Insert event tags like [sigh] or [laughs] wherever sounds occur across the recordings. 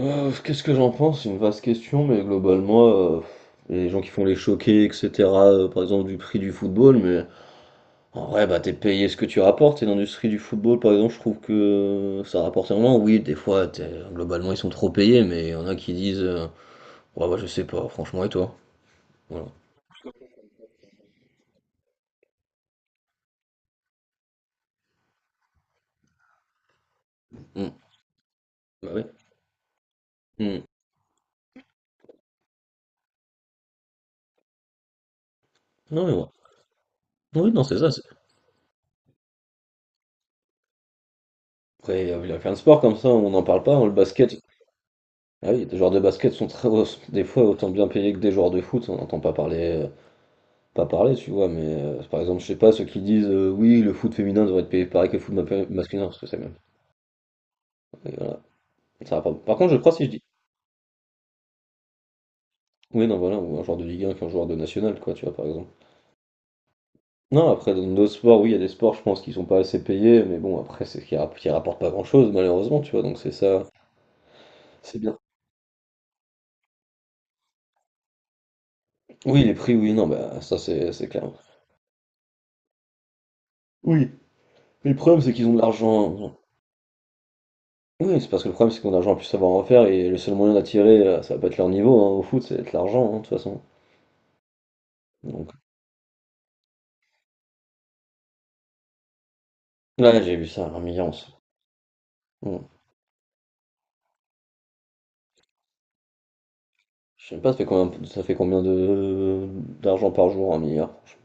Qu'est-ce que j'en pense? C'est une vaste question, mais globalement, les gens qui font les choquer, etc., par exemple du prix du football, mais en vrai, bah, t'es payé ce que tu rapportes, et dans l'industrie du football, par exemple, je trouve que ça rapporte énormément. Oui, des fois, globalement, ils sont trop payés, mais il y en a qui disent, ouais, bah, je sais pas, franchement, et toi? Voilà. Mm. Bah oui. Mm. Non, mais ouais. Oui, non, c'est ça. Après, il y a plein de sports comme ça, on n'en parle pas, hein, le basket. Ah oui, des joueurs de basket sont très, [laughs] des fois autant bien payés que des joueurs de foot, on n'entend pas parler pas parler, tu vois, mais par exemple, je sais pas, ceux qui disent oui, le foot féminin devrait être payé pareil que le foot masculin, parce que c'est même. Et voilà. Ça va pas. Par contre, je crois si je dis. Oui, non, voilà, ou un joueur de Ligue 1 qu'un joueur de national, quoi, tu vois, par exemple. Non, après, dans d'autres sports, oui, il y a des sports, je pense, qui sont pas assez payés, mais bon, après, qui rapportent pas grand-chose, malheureusement, tu vois, donc c'est ça, c'est bien. Oui, les prix, oui, non, bah, ça, c'est clair. Oui, mais le problème, c'est qu'ils ont de l'argent. Oui, c'est parce que le problème, c'est qu'on a de l'argent à plus savoir en faire, et le seul moyen d'attirer, ça va pas être leur niveau, hein, au foot, c'est être l'argent, hein, de toute façon. Donc, ouais, j'ai vu ça, un milliard. Ça. Hmm. Je sais pas, ça fait combien de d'argent par jour, un milliard? Franchement.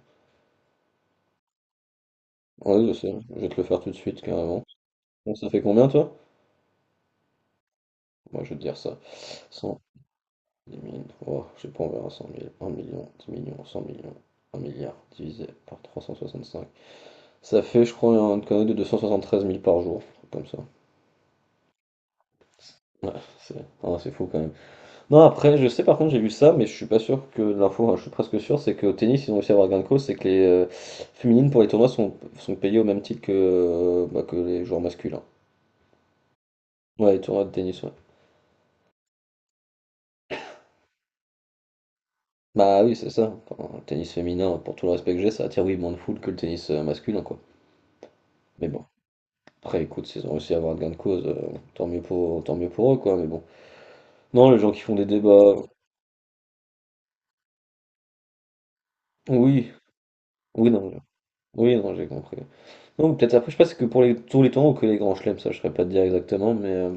Ouais, je sais, je vais te le faire tout de suite, carrément. Bon, ça fait combien, toi? Moi, je vais te dire ça. 100. 10 000, oh, je sais pas, on verra 100 000, 1 million, 10 millions, 100 millions, un milliard, divisé par 365. Ça fait, je crois, un connerie de 273 000 par jour, un truc comme ça. Ouais, c'est ah, c'est fou quand même. Non, après, je sais par contre, j'ai vu ça, mais je suis pas sûr que de l'info, hein, je suis presque sûr, c'est qu'au tennis, ils ont réussi à avoir gain de cause, c'est que les féminines pour les tournois sont, sont payées au même titre que, bah, que les joueurs masculins. Ouais, les tournois de tennis, ouais. Bah oui, c'est ça. Enfin, le tennis féminin, pour tout le respect que j'ai, ça attire oui moins de foule que le tennis masculin, quoi. Mais bon, après, écoute, s'ils ont réussi à avoir gain de cause, tant mieux pour eux, quoi. Mais bon. Non, les gens qui font des débats, oui, oui, oui, non, j'ai compris. Non, peut-être après, je sais pas, si c'est que pour les, tous les tournois ou que les grands chelems, ça, je saurais pas te dire exactement, mais.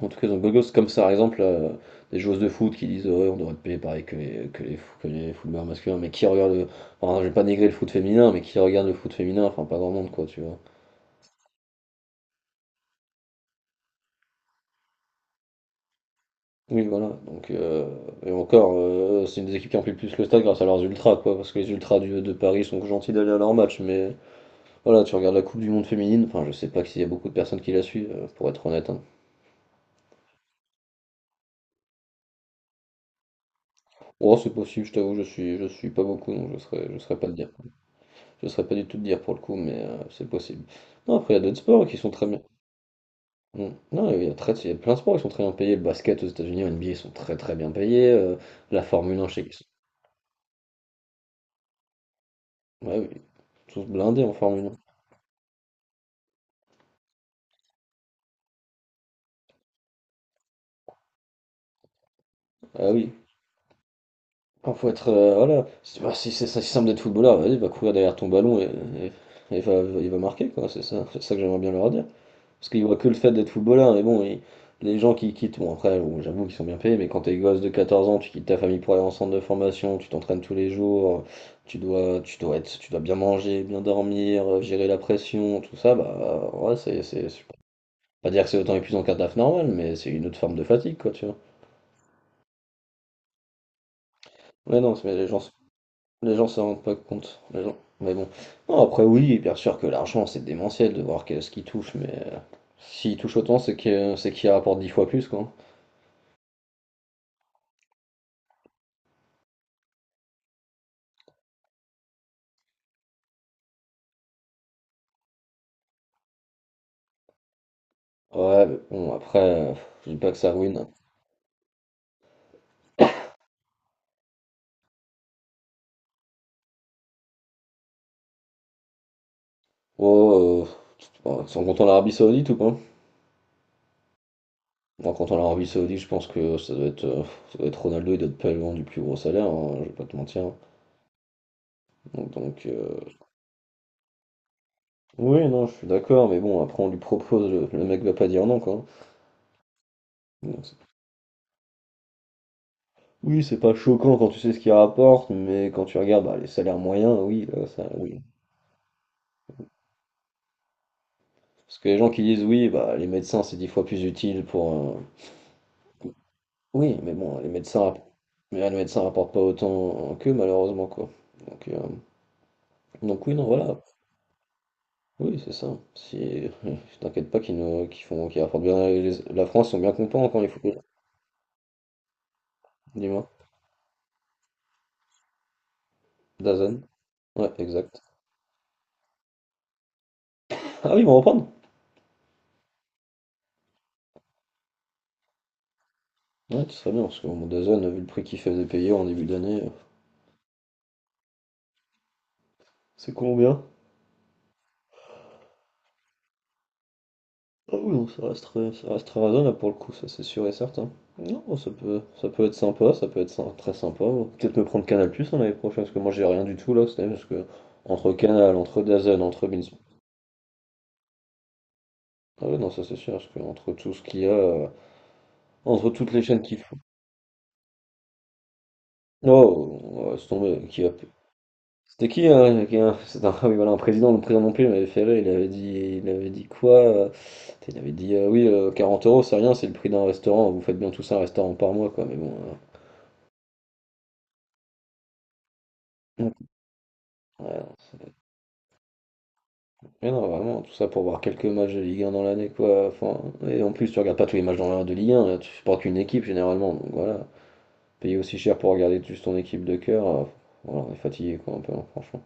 En tout cas, dans Gogos, comme ça, par exemple, des joueuses de foot qui disent ouais, on devrait être payé pareil que que les footballeurs masculins, mais qui regardent. Enfin, je vais pas négrer le foot féminin, mais qui regarde le foot féminin, enfin, pas grand monde, quoi, tu vois. Oui, voilà. Donc, et encore, c'est une des équipes qui remplit le plus le stade grâce à leurs ultras, quoi, parce que les ultras de Paris sont gentils d'aller à leur match, mais voilà, tu regardes la Coupe du Monde féminine, enfin, je sais pas s'il y a beaucoup de personnes qui la suivent, pour être honnête. Hein. Oh, c'est possible, je t'avoue, je suis pas beaucoup, donc je serais pas le dire. Je ne saurais pas du tout te dire pour le coup, mais c'est possible. Non, après, il y a d'autres sports qui sont très bien. Mm. Non, il y a très, il y a plein de sports qui sont très bien payés. Le basket aux États-Unis, en NBA, ils sont très bien payés. La Formule 1, je sais qu'ils sont. Ouais, oui. Ils sont tous blindés en Formule 1. Ah oui. Il faut être. Voilà. Si, bah, si c'est si simple d'être footballeur, vas-y, va courir derrière ton ballon et- et va, il va marquer, quoi. C'est ça que j'aimerais bien leur dire. Parce qu'ils voient que le fait d'être footballeur, mais bon, et les gens qui quittent, bon après, bon, j'avoue qu'ils sont bien payés, mais quand t'es gosse de 14 ans, tu quittes ta famille pour aller en centre de formation, tu t'entraînes tous les jours, tu dois bien manger, bien dormir, gérer la pression, tout ça, bah ouais, pas dire que c'est autant épuisant qu'un taf normal, mais c'est une autre forme de fatigue, quoi, tu vois. Mais non, mais les gens, s- les gens s'en rendent pas compte, les gens. Mais bon, non, après oui, bien sûr que l'argent c'est démentiel de voir ce qui touche, mais s'il touche autant, c'est qu'il rapporte 10 fois plus, quoi. Ouais, mais bon, après, je dis pas que ça ruine. Oh, ouais, sans compter l'Arabie Saoudite ou pas? Bon, en comptant l'Arabie Saoudite, je pense que ça doit être Ronaldo, il doit être pas loin du plus gros salaire, hein, je vais pas te mentir. Donc, donc euh, oui, non, je suis d'accord, mais bon, après on lui propose, le mec va pas dire non, quoi. Donc, c'est- oui, c'est pas choquant quand tu sais ce qu'il rapporte, mais quand tu regardes bah, les salaires moyens, oui, là, ça, oui. Parce que les gens qui disent oui, bah, les médecins, c'est 10 fois plus utile pour, oui, mais bon, mais les médecins rapportent pas autant qu'eux, malheureusement, quoi. Donc, euh, donc oui, non, voilà. Oui, c'est ça. Si, [laughs] t'inquiète pas qu'ils nous, qu'ils font, qu'ils rapportent bien la France, ils sont bien contents quand il faut. Dis-moi. Dazen. Ouais, exact. Ah oui, ils vont reprendre. Ouais, ce serait bien, parce que bon, Dazen, vu le prix qu'il faisait payer en début d'année, c'est combien? Ah oui, non, ça reste très raisonnable pour le coup, ça c'est sûr et certain. Non, bah, ça peut être sympa, ça peut être sy- très sympa. Ouais. Peut-être me prendre Canal Plus l'année prochaine, parce que moi j'ai rien du tout là, c'est parce que entre Canal, entre DAZN, entre Beansport. Ah ouais, non, ça c'est sûr, parce que entre tout ce qu'il y a, entre toutes les chaînes qui font. Oh, on va se tomber, qui a. C'est un, ah oui, voilà, un président, le président non plus, il m'avait fait rire, il avait dit quoi? Il avait dit, oui, 40 euros, c'est rien, c'est le prix d'un restaurant, vous faites bien tout ça, un restaurant par mois, quoi, mais bon. euh, Ouais, non, c'est- mais non, vraiment, tout ça pour voir quelques matchs de Ligue 1 dans l'année, quoi. Enfin, et en plus, tu regardes pas tous les matchs dans de Ligue 1, là, tu supportes qu'une équipe généralement, donc voilà. Payer aussi cher pour regarder juste ton équipe de cœur, voilà, on est fatigué, quoi, un peu, hein, franchement.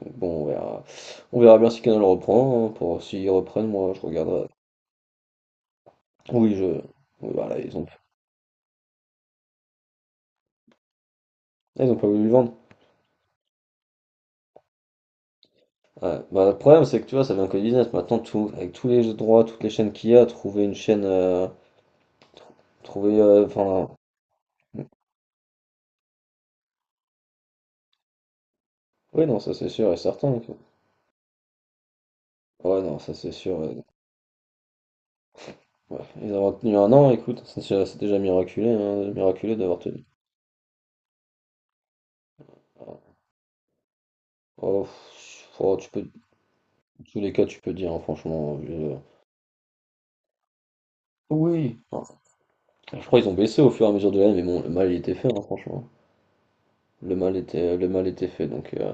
Donc bon, on verra bien si Canal reprend. Hein, pour s'ils reprennent, moi, je regarderai. Oui, je. Oui, voilà, ils ont pas voulu le vendre. Ouais, bah, le problème, c'est que tu vois, ça devient que du business. Maintenant, tout, avec tous les droits, toutes les chaînes qu'il y a, trouver une chaîne. Trouver. Enfin. Oui, non, ça c'est sûr et certain. Ouais, non, ça c'est sûr. Ouais. Ouais. Ils ont tenu un an, écoute, c'est déjà miraculé, hein, miraculé d'avoir tenu. Oh, pff, oh, tu peux, dans tous les cas, tu peux dire, hein, franchement. Oui. Enfin, je crois qu'ils ont baissé au fur et à mesure de l'année, mais bon, le mal il était fait, hein, franchement. Le mal était fait.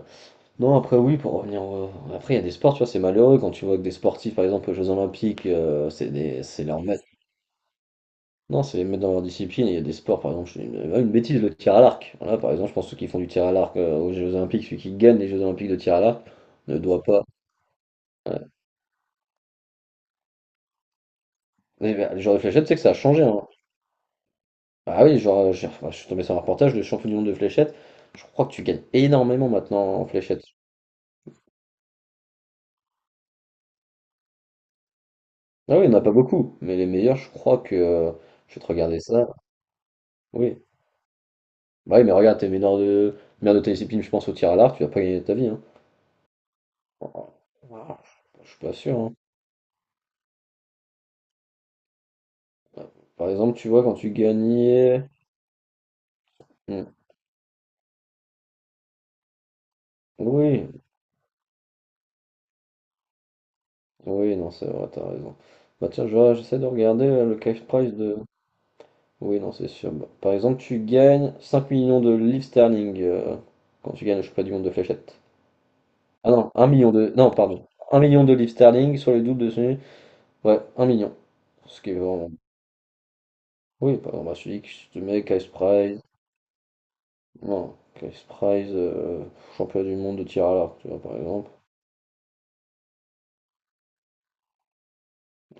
Non, après oui, pour revenir, après il y a des sports, tu vois, c'est malheureux quand tu vois que des sportifs, par exemple aux Jeux Olympiques, c'est leur non, c'est les mettre dans leur discipline. Il y a des sports, par exemple, je fais une bêtise, le tir à l'arc. Voilà, par exemple, je pense que ceux qui font du tir à l'arc aux Jeux Olympiques, celui qui gagne les Jeux Olympiques de tir à l'arc ne doit pas. Ouais. Mais, bah, le genre de fléchette, c'est que ça a changé. Hein. Ah oui, genre, enfin, je suis tombé sur un reportage, le champion du monde de fléchette. Je crois que tu gagnes énormément maintenant en fléchette. Ah oui, il n'y en a pas beaucoup, mais les meilleurs, je crois que. Je vais te regarder ça. Oui. Bah oui, mais regarde, meilleur de ta discipline, je pense, au tir à l'arc, tu vas pas gagner ta vie. Hein. Oh, oh, oh, je suis pas sûr. Hein. Par exemple, tu vois, quand tu gagnais. Mm. Oui, oui, non, c'est vrai, t'as raison. Bah tiens, j'essaie de regarder le cash prize de. Oui, non, c'est sûr. Bah, par exemple, tu gagnes 5 millions de livres sterling quand tu gagnes le championnat du monde de fléchettes. Ah non, un million de. Non, pardon. Un million de livres sterling sur les doubles de celui. Ouais, un million. Ce qui est vraiment. Oui, par exemple, bah, je te mets cash prize. Non, cash prize, championnat du monde de tir à l'arc, tu vois, par exemple.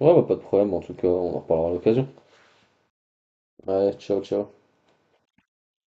Ouais, bah, pas de problème, en tout cas, on en reparlera à l'occasion. Allez, ciao, ciao.